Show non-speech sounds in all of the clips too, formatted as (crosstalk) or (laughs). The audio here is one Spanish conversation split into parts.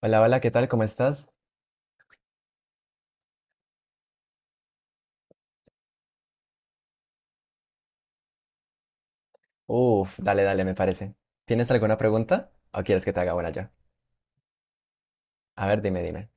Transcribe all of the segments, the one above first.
Hola, hola, ¿qué tal? ¿Cómo estás? Uf, dale, dale, me parece. ¿Tienes alguna pregunta o quieres que te haga una yo? A ver, dime, dime.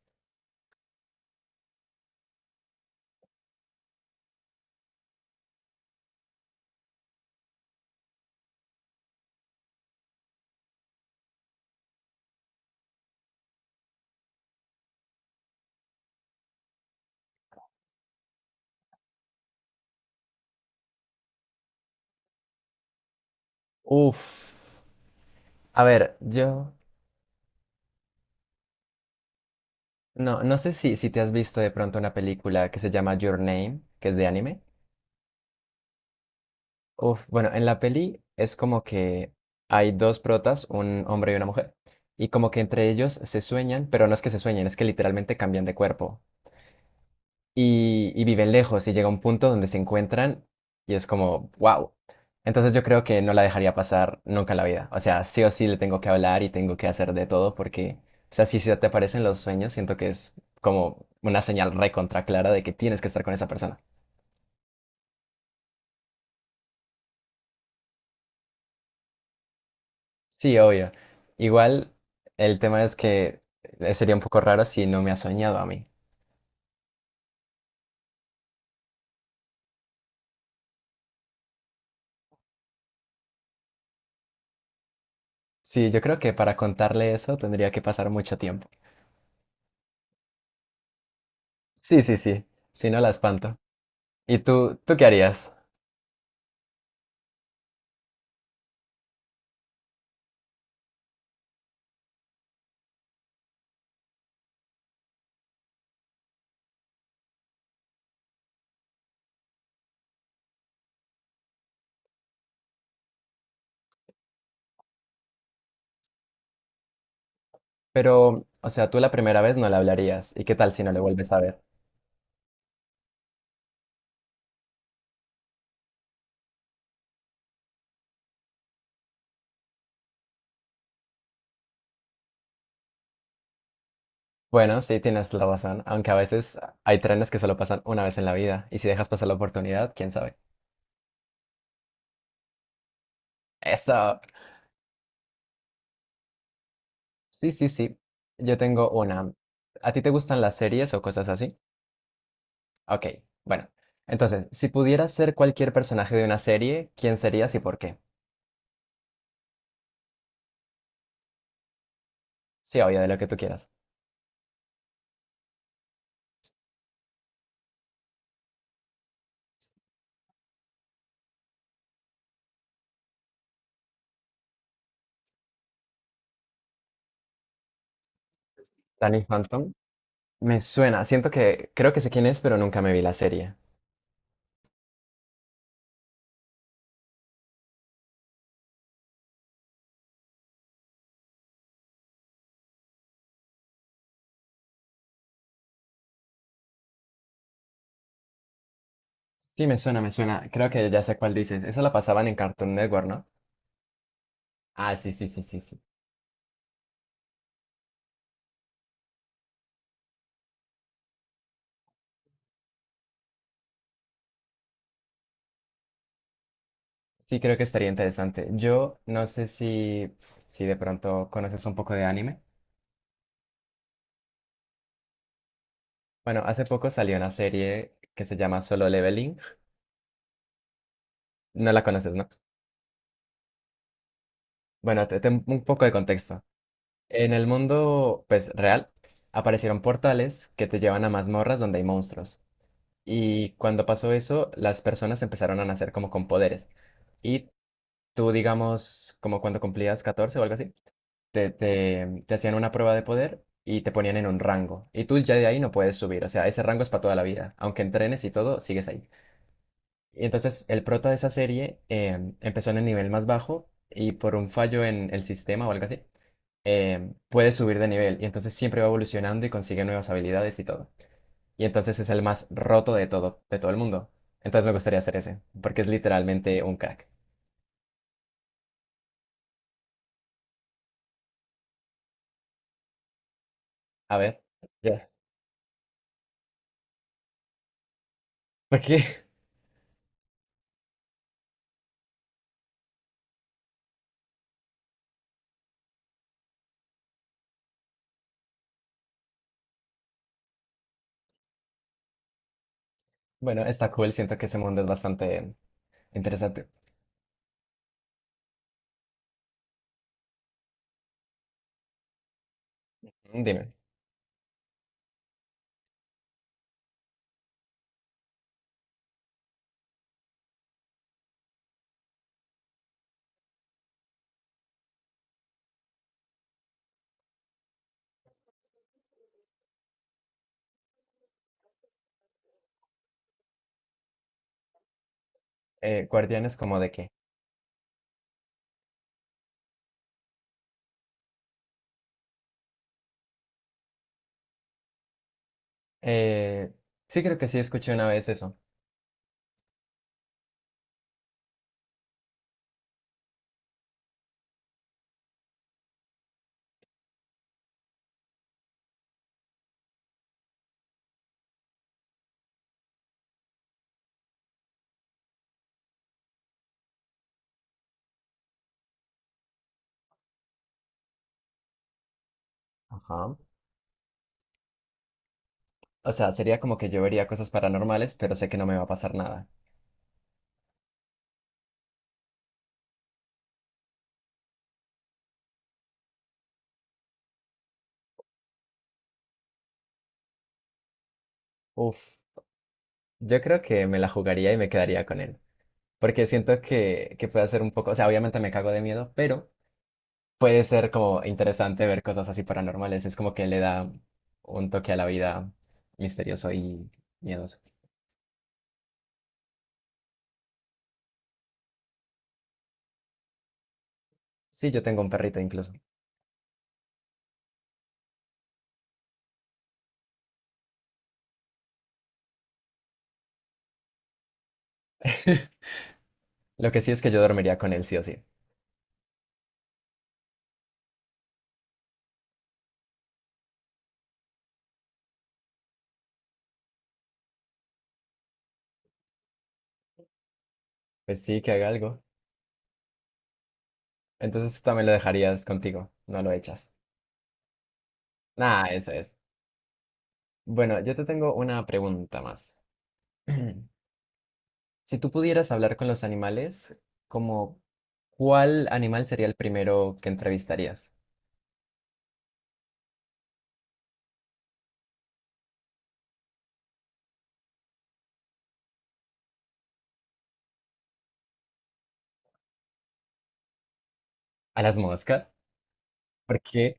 Uf, a ver, yo no sé si te has visto de pronto una película que se llama Your Name, que es de anime. Uf, bueno, en la peli es como que hay dos protas, un hombre y una mujer, y como que entre ellos se sueñan, pero no es que se sueñen, es que literalmente cambian de cuerpo. Y viven lejos y llega un punto donde se encuentran y es como, wow. Entonces yo creo que no la dejaría pasar nunca en la vida. O sea, sí o sí le tengo que hablar y tengo que hacer de todo porque, o sea, si se te aparecen los sueños, siento que es como una señal recontra clara de que tienes que estar con esa persona. Sí, obvio. Igual el tema es que sería un poco raro si no me ha soñado a mí. Sí, yo creo que para contarle eso tendría que pasar mucho tiempo. Sí, sí, sí. Si no la espanto. ¿Y tú qué harías? Pero, o sea, tú la primera vez no le hablarías. ¿Y qué tal si no le vuelves a ver? Bueno, sí, tienes la razón. Aunque a veces hay trenes que solo pasan una vez en la vida. Y si dejas pasar la oportunidad, quién sabe. Eso. Sí, sí, sí. Yo tengo una. ¿A ti te gustan las series o cosas así? Ok, bueno. Entonces, si pudieras ser cualquier personaje de una serie, ¿quién serías y por qué? Sí, obvio, de lo que tú quieras. Danny Phantom. Me suena. Siento que creo que sé quién es, pero nunca me vi la serie. Sí, me suena, me suena. Creo que ya sé cuál dices. Esa la pasaban en Cartoon Network, ¿no? Ah, sí, sí, sí, sí, sí. Sí, creo que estaría interesante. Yo no sé si de pronto conoces un poco de anime. Bueno, hace poco salió una serie que se llama Solo Leveling. No la conoces, ¿no? Bueno, un poco de contexto. En el mundo, pues, real, aparecieron portales que te llevan a mazmorras donde hay monstruos. Y cuando pasó eso, las personas empezaron a nacer como con poderes. Y tú, digamos, como cuando cumplías 14 o algo así, te hacían una prueba de poder y te ponían en un rango. Y tú ya de ahí no puedes subir. O sea, ese rango es para toda la vida. Aunque entrenes y todo, sigues ahí. Y entonces el prota de esa serie empezó en el nivel más bajo y por un fallo en el sistema o algo así, puede subir de nivel. Y entonces siempre va evolucionando y consigue nuevas habilidades y todo. Y entonces es el más roto de todo el mundo. Entonces me gustaría hacer ese, porque es literalmente un crack. A ver. Ya. (laughs) ¿Por qué? Bueno, está cool, siento que ese mundo es bastante interesante. Dime, ¿guardianes como de qué? Eh, sí creo que sí escuché una vez eso. Ajá. O sea, sería como que yo vería cosas paranormales, pero sé que no me va a pasar nada. Uf, yo creo que me la jugaría y me quedaría con él. Porque siento que puede ser un poco, o sea, obviamente me cago de miedo, pero puede ser como interesante ver cosas así paranormales. Es como que le da un toque a la vida misterioso y miedoso. Sí, yo tengo un perrito incluso. (laughs) Lo que sí es que yo dormiría con él, sí o sí. Pues sí, que haga algo. Entonces también lo dejarías contigo, no lo echas. Nada, eso es. Bueno, yo te tengo una pregunta más. (clears throat) Si tú pudieras hablar con los animales, ¿como cuál animal sería el primero que entrevistarías? ¿A las moscas? ¿Por qué?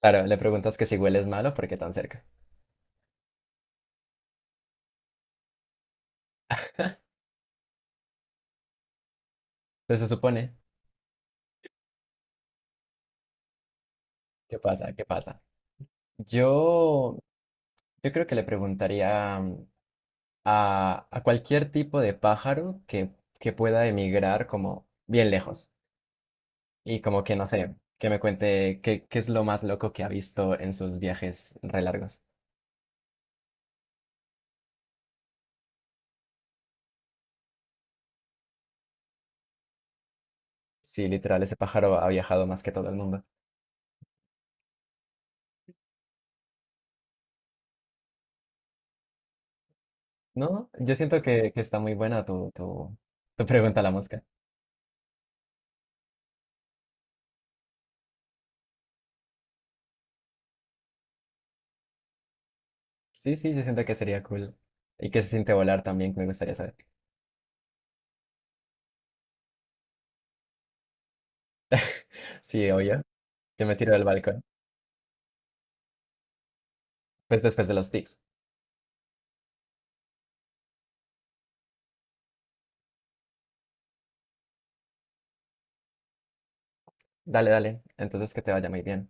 Claro, le preguntas que si hueles malo, ¿por qué tan cerca? Entonces se supone, ¿qué pasa? ¿Qué pasa? Yo, yo creo que le preguntaría a cualquier tipo de pájaro que pueda emigrar como bien lejos y como que no sé, que me cuente qué es lo más loco que ha visto en sus viajes re largos. Sí, literal, ese pájaro ha viajado más que todo el mundo. No, yo siento que está muy buena tu pregunta a la mosca. Sí, sí, yo siento que sería cool. Y que se siente volar también, me gustaría saber. Sí, obvio, yo me tiro del balcón. Pues después de los tips. Dale, dale. Entonces que te vaya muy bien.